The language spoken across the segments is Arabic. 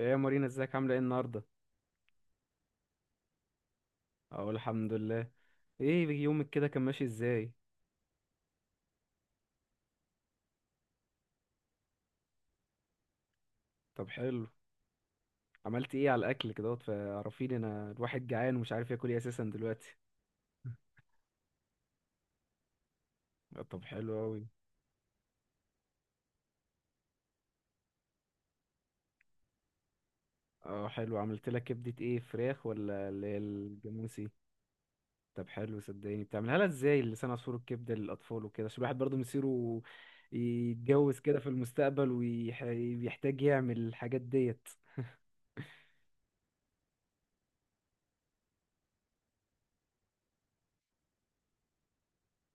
ايه يا مارينا، ازيك؟ عامله ايه النهارده؟ اقول الحمد لله. ايه يومك كده، كان ماشي ازاي؟ طب حلو. عملت ايه على الاكل كده؟ فعرفيني، انا الواحد جعان ومش عارف ياكل ايه اساسا دلوقتي. آه، طب حلو اوي. اه، حلو. عملت لك كبده ايه، فراخ ولا اللي هي الجاموسي؟ طب حلو، صدقني. بتعملها لها ازاي لسان عصفور الكبده للاطفال وكده؟ عشان الواحد برضه مصيره يتجوز كده في المستقبل، ويحتاج يعمل الحاجات ديت.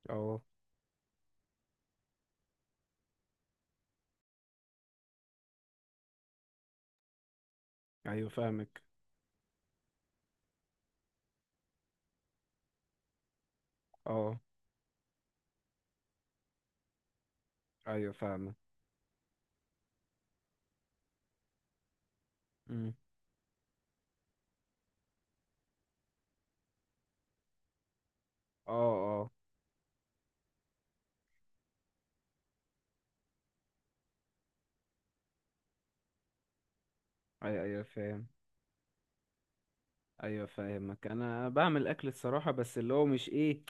اه. ايوه فاهمك. اه. ايوه فاهمك. اه. اه. ايوه، ايوه فاهم. ايوه فاهمك. انا بعمل اكل الصراحه، بس اللي هو مش ايه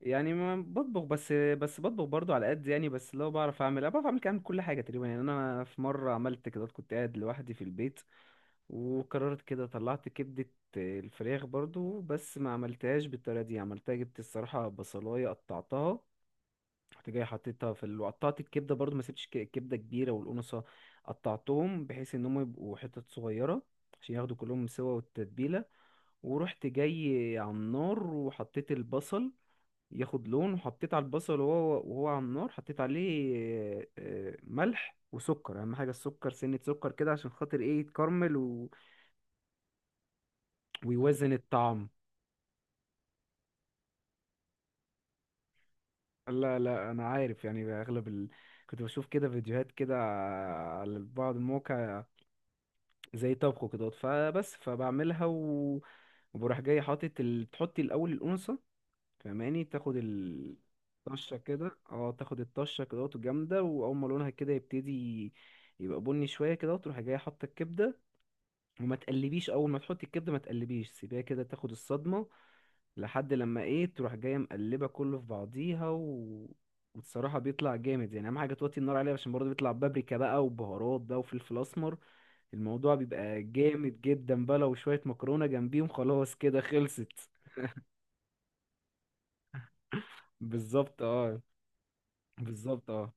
يعني، ما بطبخ. بس بطبخ برضو على قد يعني، بس اللي هو بعرف اعمل، أنا بعرف اعمل كام كل حاجه تقريبا يعني. انا في مره عملت كده، كنت قاعد لوحدي في البيت وقررت كده، طلعت كبده الفراخ برضو. بس ما عملتهاش بالطريقه دي. عملتها، جبت الصراحه بصلايه قطعتها، رحت جاي حطيتها في ال... وقطعت الكبده برضو، ما سبتش كبده كبيره، والقنصه قطعتهم بحيث ان هم يبقوا حتت صغيره، عشان ياخدوا كلهم سوا والتتبيله. ورحت جاي على النار وحطيت البصل ياخد لون، وحطيت على البصل وهو على النار، حطيت عليه ملح وسكر. اهم حاجه السكر، سنه سكر كده عشان خاطر ايه يتكرمل و... ويوازن الطعم. لا لا انا عارف يعني، اغلب ال... كنت بشوف كده فيديوهات كده على بعض المواقع زي طبخه كده، فبس فبعملها و... وبروح جاي حاطط ال... بتحطي الاول الانثى فاهماني، تاخد ال- الطشه كده. اه، تاخد الطشه كده الجامده، واول ما لونها كده يبتدي يبقى بني شويه كده، تروح جايه حاطه الكبده. وما تقلبيش، اول ما تحطي الكبده ما تقلبيش، سيبيها كده تاخد الصدمه. لحد لما ايه، تروح جايه مقلبه كله في بعضيها و... وبصراحه بيطلع جامد يعني. اهم حاجه توطي النار عليها، عشان برضه بيطلع بابريكا بقى وبهارات بقى وفلفل اسمر. الموضوع بيبقى جامد جدا بقى، لو شوية مكرونة جنبيهم خلاص كده خلصت. بالظبط، اه. بالظبط، اه.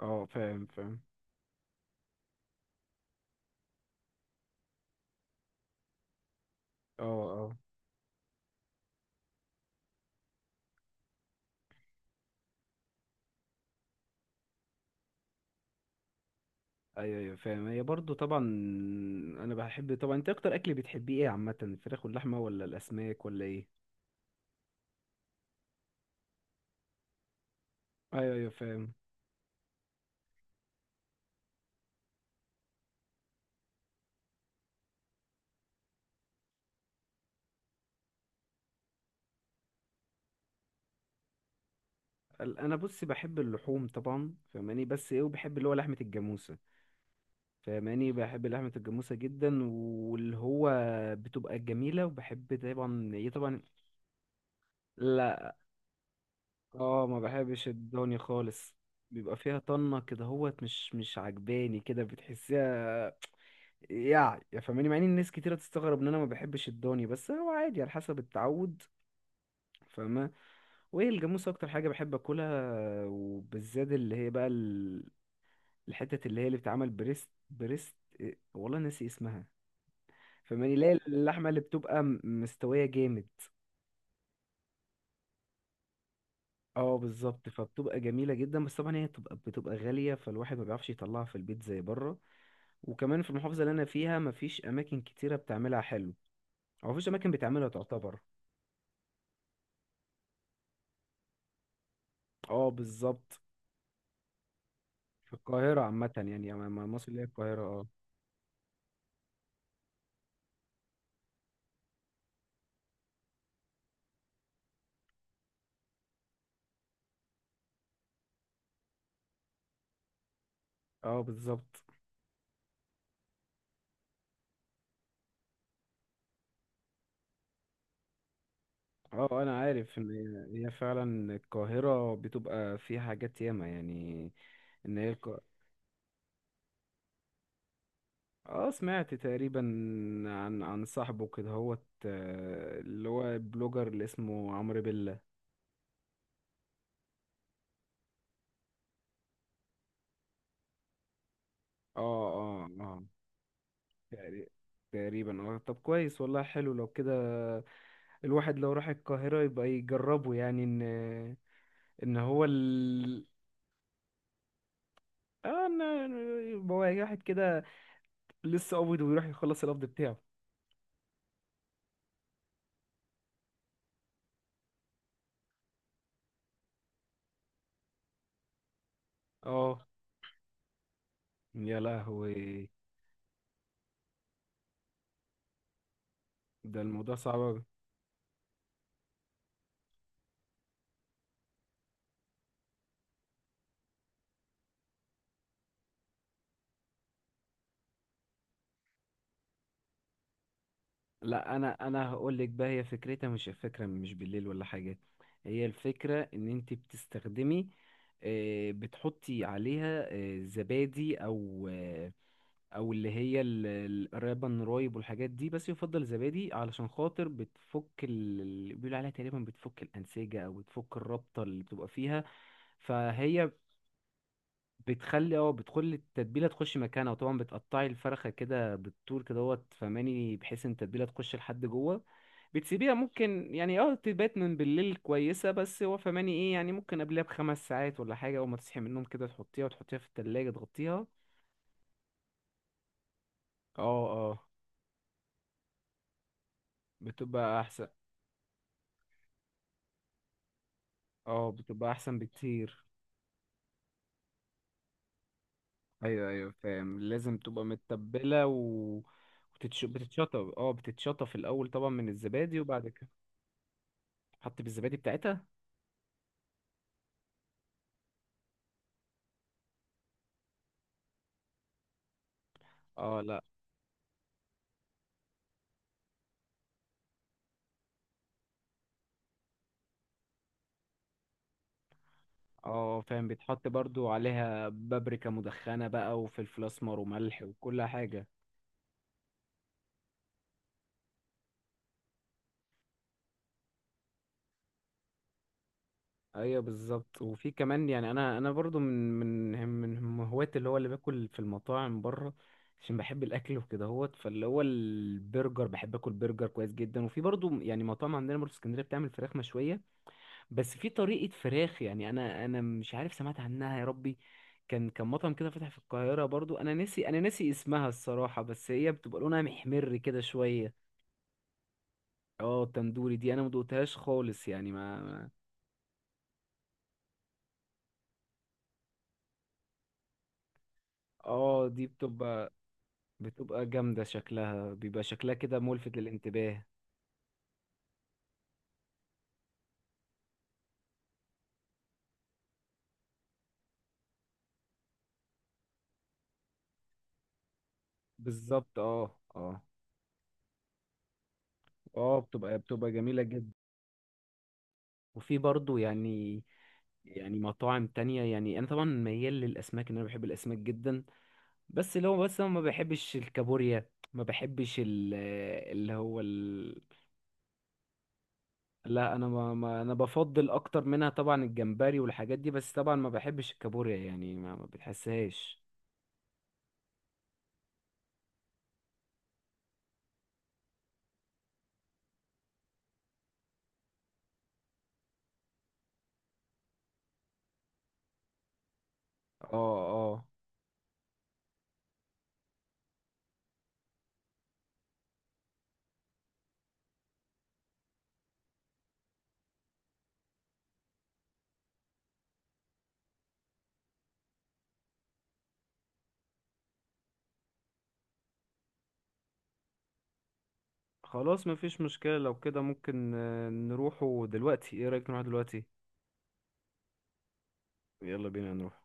اه، فاهم فاهم. اه، اه. ايوه، ايوه فاهم. هي برضو طبعا. انا بحب طبعا. انت اكتر اكل بتحبيه ايه عامة، الفراخ واللحمة ولا الاسماك ولا ايه؟ ايوه، ايوه فاهم. ال- انا بص بحب اللحوم طبعا فاهماني، بس ايه، وبحب اللي هو لحمة الجاموسة فاهماني. بحب لحمة الجاموسة جدا، واللي هو بتبقى جميلة. وبحب طبعا ايه طبعا. لا. اه، ما بحبش الضاني خالص. بيبقى فيها طنة كده هوت، مش مش عجباني كده، بتحسيها يعني يا فاهماني. مع ان الناس كتيرة تستغرب ان انا ما بحبش الضاني، بس هو عادي على حسب التعود فاهمة. وايه، الجاموسة اكتر حاجة بحب اكلها. وبالذات اللي هي بقى ال- الحتت اللي هي اللي بتتعمل بريست. بريست إيه؟ والله ناسي اسمها فاهماني. لا، اللحمة اللي بتبقى مستوية جامد. اه، بالظبط. فبتبقى جميلة جدا، بس طبعا هي بتبقى غالية، فالواحد ما بيعرفش يطلعها في البيت زي بره. وكمان في المحافظة اللي أنا فيها مفيش أماكن كتيرة بتعملها حلو، أو مفيش أماكن بتعملها تعتبر. اه بالظبط. في القاهرة عامة يعني، مصر اللي هي القاهرة، اه. اه، بالظبط. اه، أنا عارف إن هي فعلا القاهرة بتبقى فيها حاجات ياما يعني، إن هي الق... اه، سمعت تقريبا عن صاحبه كده هوت، آه، اللي هو البلوجر اللي اسمه عمرو بيلا. اه، اه، اه. تقري- تقريبا، اه. طب كويس والله، حلو لو كده. الواحد لو راح القاهرة يبقى يجربه يعني، ان ان هو ال- اه، ان يبقى واحد كده لسه قابض ويروح يخلص القبض بتاعه. اه يا لهوي، ده الموضوع صعب أوي. لا انا هقول لك بقى، هي فكرتها مش فكرة مش بالليل ولا حاجة. هي الفكرة ان انت بتستخدمي، بتحطي عليها زبادي، او او اللي هي ال- القرابة النرايب والحاجات دي، بس يفضل زبادي علشان خاطر بتفك ال- اللي بيقولوا عليها تقريبا بتفك الانسجه او بتفك الرابطه اللي بتبقى فيها. فهي بتخلي، اه، بتخلي التتبيله تخش مكانها. وطبعا بتقطعي الفرخه كده بالطول كده اهوت فماني، بحيث ان التتبيله تخش لحد جوه. بتسيبيها ممكن يعني اه تبات من بالليل كويسه، بس هو فماني ايه يعني ممكن قبلها بخمس ساعات ولا حاجه، اول ما تصحي من النوم كده تحطيها، وتحطيها في التلاجة تغطيها. اه، اه. بتبقى احسن. اه، بتبقى احسن بكتير. ايوه، ايوه فاهم، لازم تبقى متبله. و... وتتش... بتتشطب، اه، بتتشطب في الاول طبعا من الزبادي، وبعد كده تحط بالزبادي بتاعتها. اه، لا. اه فاهم، بيتحط برضو عليها بابريكا مدخنه بقى وفلفل اسمر وملح وكل حاجه. ايوه، بالظبط. وفي كمان يعني، انا انا برضو من من هوااتي اللي هو اللي باكل في المطاعم بره، عشان بحب الاكل وكده هوت. فاللي هو البرجر، بحب اكل برجر كويس جدا. وفي برضو يعني مطاعم عندنا برضو في اسكندريه بتعمل فراخ مشويه، بس في طريقه فراخ يعني، انا مش عارف سمعت عنها يا ربي. كان مطعم كده فتح في القاهره برضو، انا ناسي، اسمها الصراحه، بس هي بتبقى لونها محمر كده شويه. اه، التندوري دي انا ما دقتهاش خالص يعني، ما اه، دي بتبقى، جامدة شكلها، بيبقى شكلها كده ملفت للانتباه. بالظبط، اه، اه، اه. بتبقى جميلة جدا. وفي برضو يعني، مطاعم تانية يعني. انا طبعا ميال للاسماك، ان انا بحب الاسماك جدا. بس اللي هو، بس انا ما بحبش الكابوريا، ما بحبش ال- اللي هو ال... لا انا ما انا بفضل اكتر منها طبعا الجمبري والحاجات دي، بس طبعا ما بحبش الكابوريا يعني، ما بتحسهاش. اه، خلاص، مفيش مشكلة لو كده. ممكن نروحوا دلوقتي، ايه رأيك؟ نروح دلوقتي؟ يلا بينا نروح.